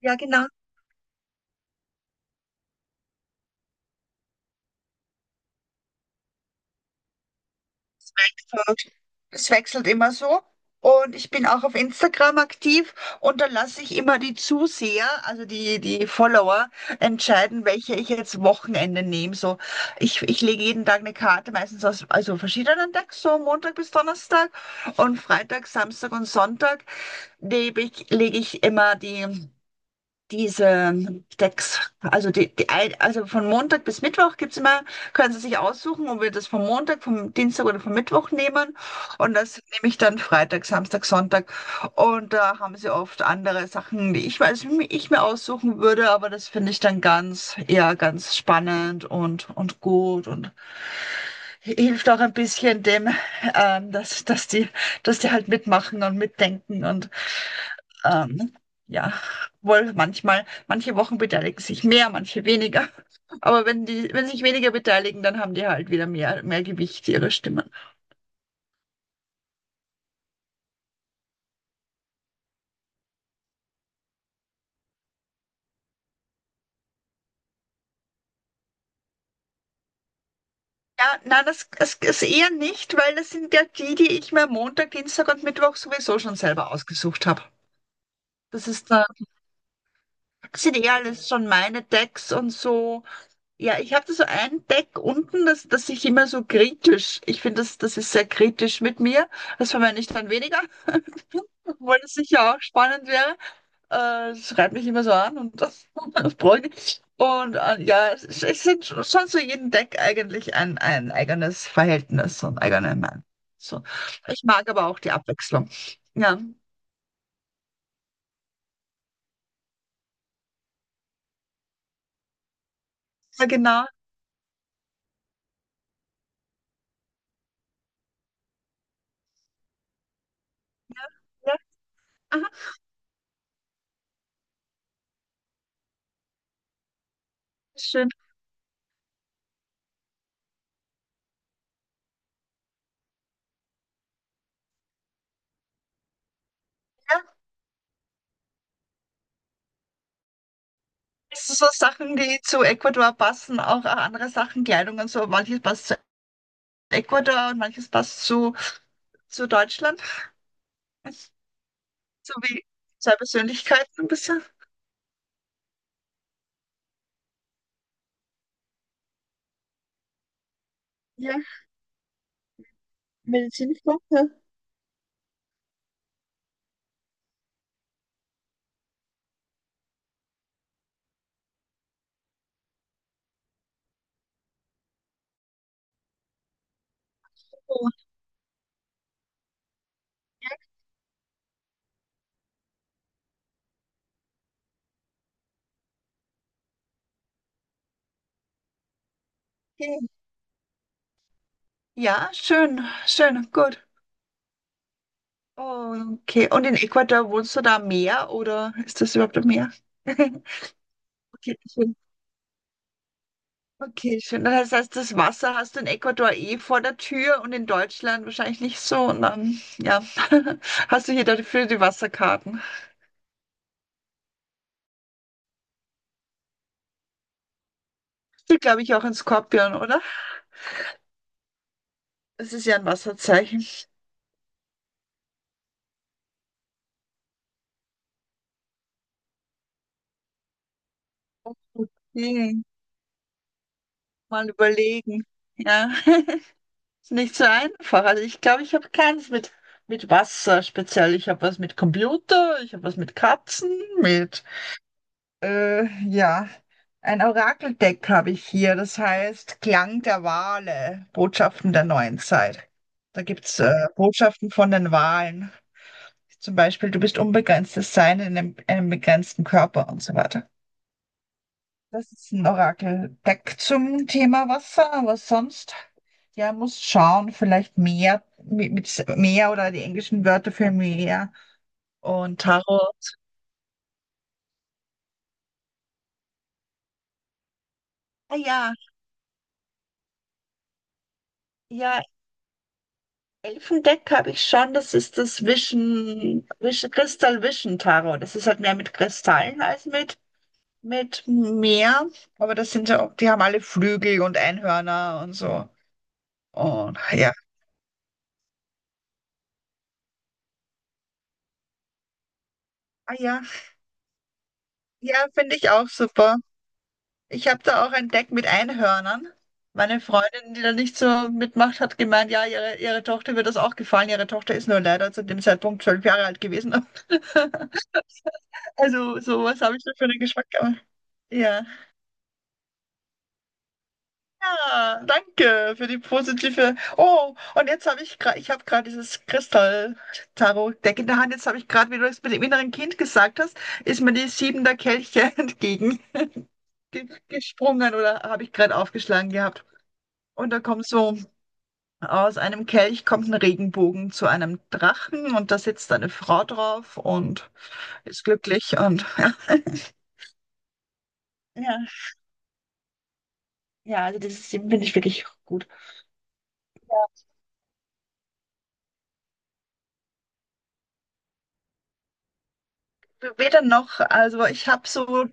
Ja, genau. Es wechselt immer so. Und ich bin auch auf Instagram aktiv und da lasse ich immer die Zuseher, also die Follower, entscheiden, welche ich jetzt Wochenende nehme. So, ich lege jeden Tag eine Karte, meistens aus also verschiedenen Tagen, so Montag bis Donnerstag und Freitag, Samstag und Sonntag lege ich immer diese Decks, also von Montag bis Mittwoch gibt's immer, können Sie sich aussuchen, ob wir das vom Montag, vom Dienstag oder vom Mittwoch nehmen. Und das nehme ich dann Freitag, Samstag, Sonntag. Und da haben Sie oft andere Sachen, die ich weiß, ich mir aussuchen würde, aber das finde ich dann eher ganz spannend und gut und hilft auch ein bisschen dem, ähm, dass, dass die, dass die halt mitmachen und mitdenken und ähm, ja, wohl manchmal, manche Wochen beteiligen sich mehr, manche weniger. Aber wenn sich weniger beteiligen, dann haben die halt wieder mehr Gewicht ihrer Stimmen. Ja, nein, das ist eher nicht, weil das sind ja die, die ich mir Montag, Dienstag und Mittwoch sowieso schon selber ausgesucht habe. Das ist, äh, sind eh alles schon meine Decks und so. Ja, ich hatte so ein Deck unten, das ich immer so kritisch, ich finde, das ist sehr kritisch mit mir. Das verwende ich dann weniger, obwohl das sicher auch spannend wäre. Das schreibt mich immer so an und das, das bräuchte ich. Und ja, es sind schon zu jedem Deck eigentlich ein eigenes Verhältnis und eigener Mann. So. Ich mag aber auch die Abwechslung. Ja, ja, genau. Ja. Aha, schön. Ja. Das sind so Sachen, die zu Ecuador passen, auch andere Sachen, Kleidung und so, manches passt zu Ecuador und manches passt zu Deutschland. So wie zwei Persönlichkeiten ein bisschen. Ja, Medizinfachler. Okay. Ja, schön, schön, gut. Okay, und in Ecuador wohnst du da am Meer oder ist das überhaupt am Meer? Okay, schön. Okay, schön. Das heißt, das Wasser hast du in Ecuador eh vor der Tür und in Deutschland wahrscheinlich nicht so. Und dann, ja, hast du hier dafür die Wasserkarten. Du, glaube ich, auch in Skorpion, oder? Das ist ja ein Wasserzeichen. Okay, mal überlegen. Ja, ist nicht so einfach. Also ich glaube, ich habe keins mit Wasser speziell. Ich habe was mit Computer, ich habe was mit Katzen, mit, ja, ein Orakeldeck habe ich hier. Das heißt Klang der Wale, Botschaften der neuen Zeit. Da gibt's Botschaften von den Walen. Zum Beispiel, du bist unbegrenztes Sein in einem begrenzten Körper und so weiter. Das ist ein Orakeldeck zum Thema Wasser, aber sonst, ja, muss schauen, vielleicht Meer, mit Meer oder die englischen Wörter für Meer und Tarot. Ah ja, ja, Elfendeck habe ich schon, das ist das Crystal Vision Tarot. Das ist halt mehr mit Kristallen als mit Meer, aber das sind ja auch, die haben alle Flügel und Einhörner und so. Und ja, ah ja, ja, finde ich auch super. Ich habe da auch ein Deck mit Einhörnern. Meine Freundin, die da nicht so mitmacht, hat gemeint, ja, ihre Tochter wird das auch gefallen. Ihre Tochter ist nur leider zu dem Zeitpunkt 12 Jahre alt gewesen. Also sowas habe ich da für einen Geschmack. Ja. Ja, danke für die positive. Oh, und jetzt habe ich gerade, ich habe gerade dieses Kristall-Tarot-Deck in der Hand. Jetzt habe ich gerade, wie du es mit dem inneren Kind gesagt hast, ist mir die Sieben der Kelche entgegen gesprungen oder habe ich gerade aufgeschlagen gehabt. Und da kommt so aus einem Kelch kommt ein Regenbogen zu einem Drachen und da sitzt eine Frau drauf und ist glücklich und ja. Ja, ja, also das ist, finde ich, wirklich gut. Weder noch, also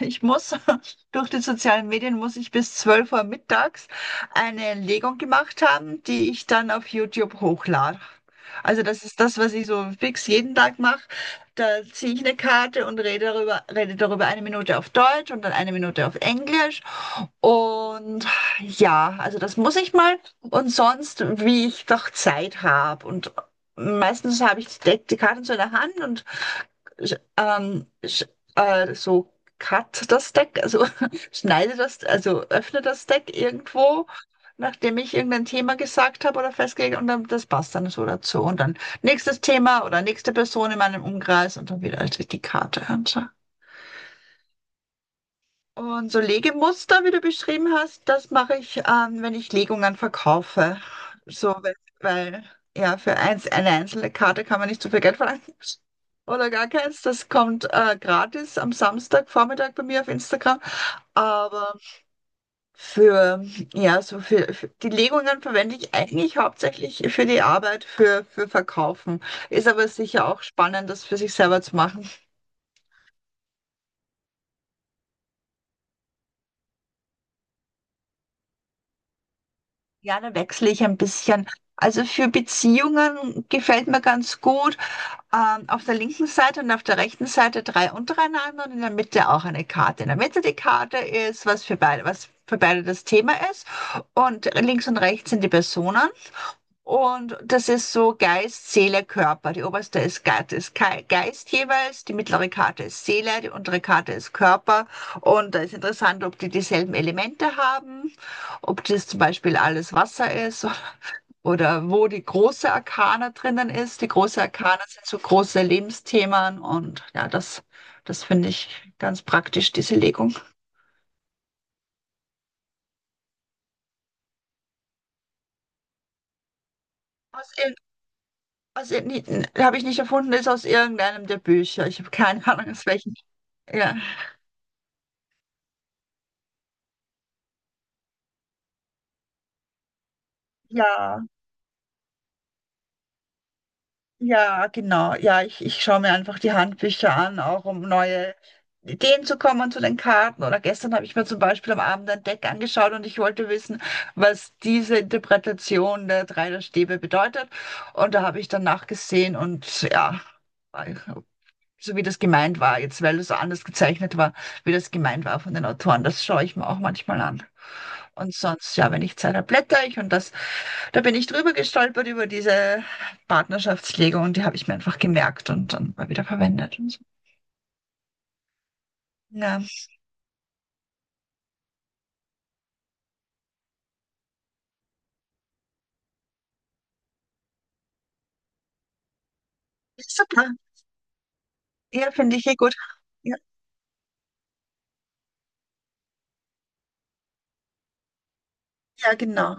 ich muss durch die sozialen Medien muss ich bis 12 Uhr mittags eine Legung gemacht haben, die ich dann auf YouTube hochlade. Also das ist das, was ich so fix jeden Tag mache. Da ziehe ich eine Karte und rede darüber eine Minute auf Deutsch und dann eine Minute auf Englisch. Und ja, also das muss ich mal. Und sonst, wie ich doch Zeit habe. Und meistens habe ich die Karten so in der Hand und sch- ähm, sch- so cut das Deck, also schneide das, also öffne das Deck irgendwo, nachdem ich irgendein Thema gesagt habe oder festgelegt, und dann das passt dann so dazu. Und dann nächstes Thema oder nächste Person in meinem Umkreis und dann wieder die Karte. Und so. Und so Legemuster, wie du beschrieben hast, das mache ich, wenn ich Legungen verkaufe. So, weil ja, für eine einzelne Karte kann man nicht so viel Geld verlangen. Oder gar keins. Das kommt gratis am Samstagvormittag bei mir auf Instagram. Aber für, ja, so für die Legungen verwende ich eigentlich hauptsächlich für die Arbeit, für Verkaufen. Ist aber sicher auch spannend, das für sich selber zu machen. Ja, dann wechsle ich ein bisschen. Also für Beziehungen gefällt mir ganz gut. Auf der linken Seite und auf der rechten Seite drei untereinander und in der Mitte auch eine Karte. In der Mitte die Karte ist, was für beide das Thema ist. Und links und rechts sind die Personen. Und das ist so Geist, Seele, Körper. Die oberste ist Geist, ist Geist jeweils, die mittlere Karte ist Seele, die untere Karte ist Körper. Und da ist interessant, ob die dieselben Elemente haben, ob das zum Beispiel alles Wasser ist, oder wo die große Arkana drinnen ist. Die große Arkana sind so große Lebensthemen und ja, das finde ich ganz praktisch, diese Legung. Aus, irg- aus, irg- habe ich nicht erfunden, ist aus irgendeinem der Bücher. Ich habe keine Ahnung, aus welchen. Ja. Ja, ja, genau. Ja, ich schaue mir einfach die Handbücher an, auch um neue Ideen zu kommen zu den Karten. Oder gestern habe ich mir zum Beispiel am Abend ein Deck angeschaut und ich wollte wissen, was diese Interpretation der drei der Stäbe bedeutet. Und da habe ich dann nachgesehen und ja, so wie das gemeint war jetzt, weil es so anders gezeichnet war, wie das gemeint war von den Autoren. Das schaue ich mir auch manchmal an. Und sonst, ja, wenn ich Zeit habe, blätter ich, und da bin ich drüber gestolpert über diese Partnerschaftslegung, und die habe ich mir einfach gemerkt und dann mal wieder verwendet und so. Ja, super. Ja, finde ich eh gut. Ja, ja, genau.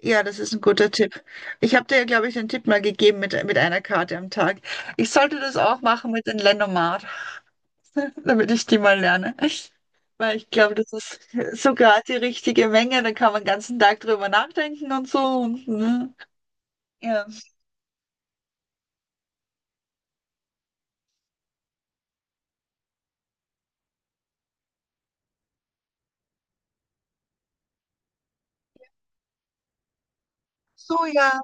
Ja, das ist ein guter Tipp. Ich habe dir ja, glaube ich, den Tipp mal gegeben mit einer Karte am Tag. Ich sollte das auch machen mit den Lendomat. Damit ich die mal lerne. Weil ich glaube, das ist so gerade die richtige Menge. Dann kann man den ganzen Tag drüber nachdenken und so. Und, ne? Ja. Soja,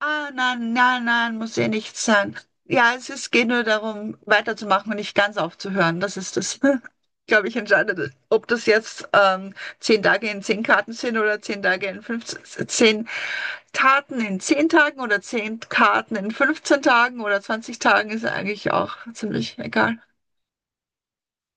ah, nein, nein, nein, muss ja nichts sein. Ja, geht nur darum, weiterzumachen und nicht ganz aufzuhören. Das ist das, glaube ich, entscheidende. Ob das jetzt zehn Tage in 10 Karten sind oder 10 Tage in 15 10 Taten in 10 Tagen oder 10 Karten in 15 Tagen oder 20 Tagen, ist eigentlich auch ziemlich egal.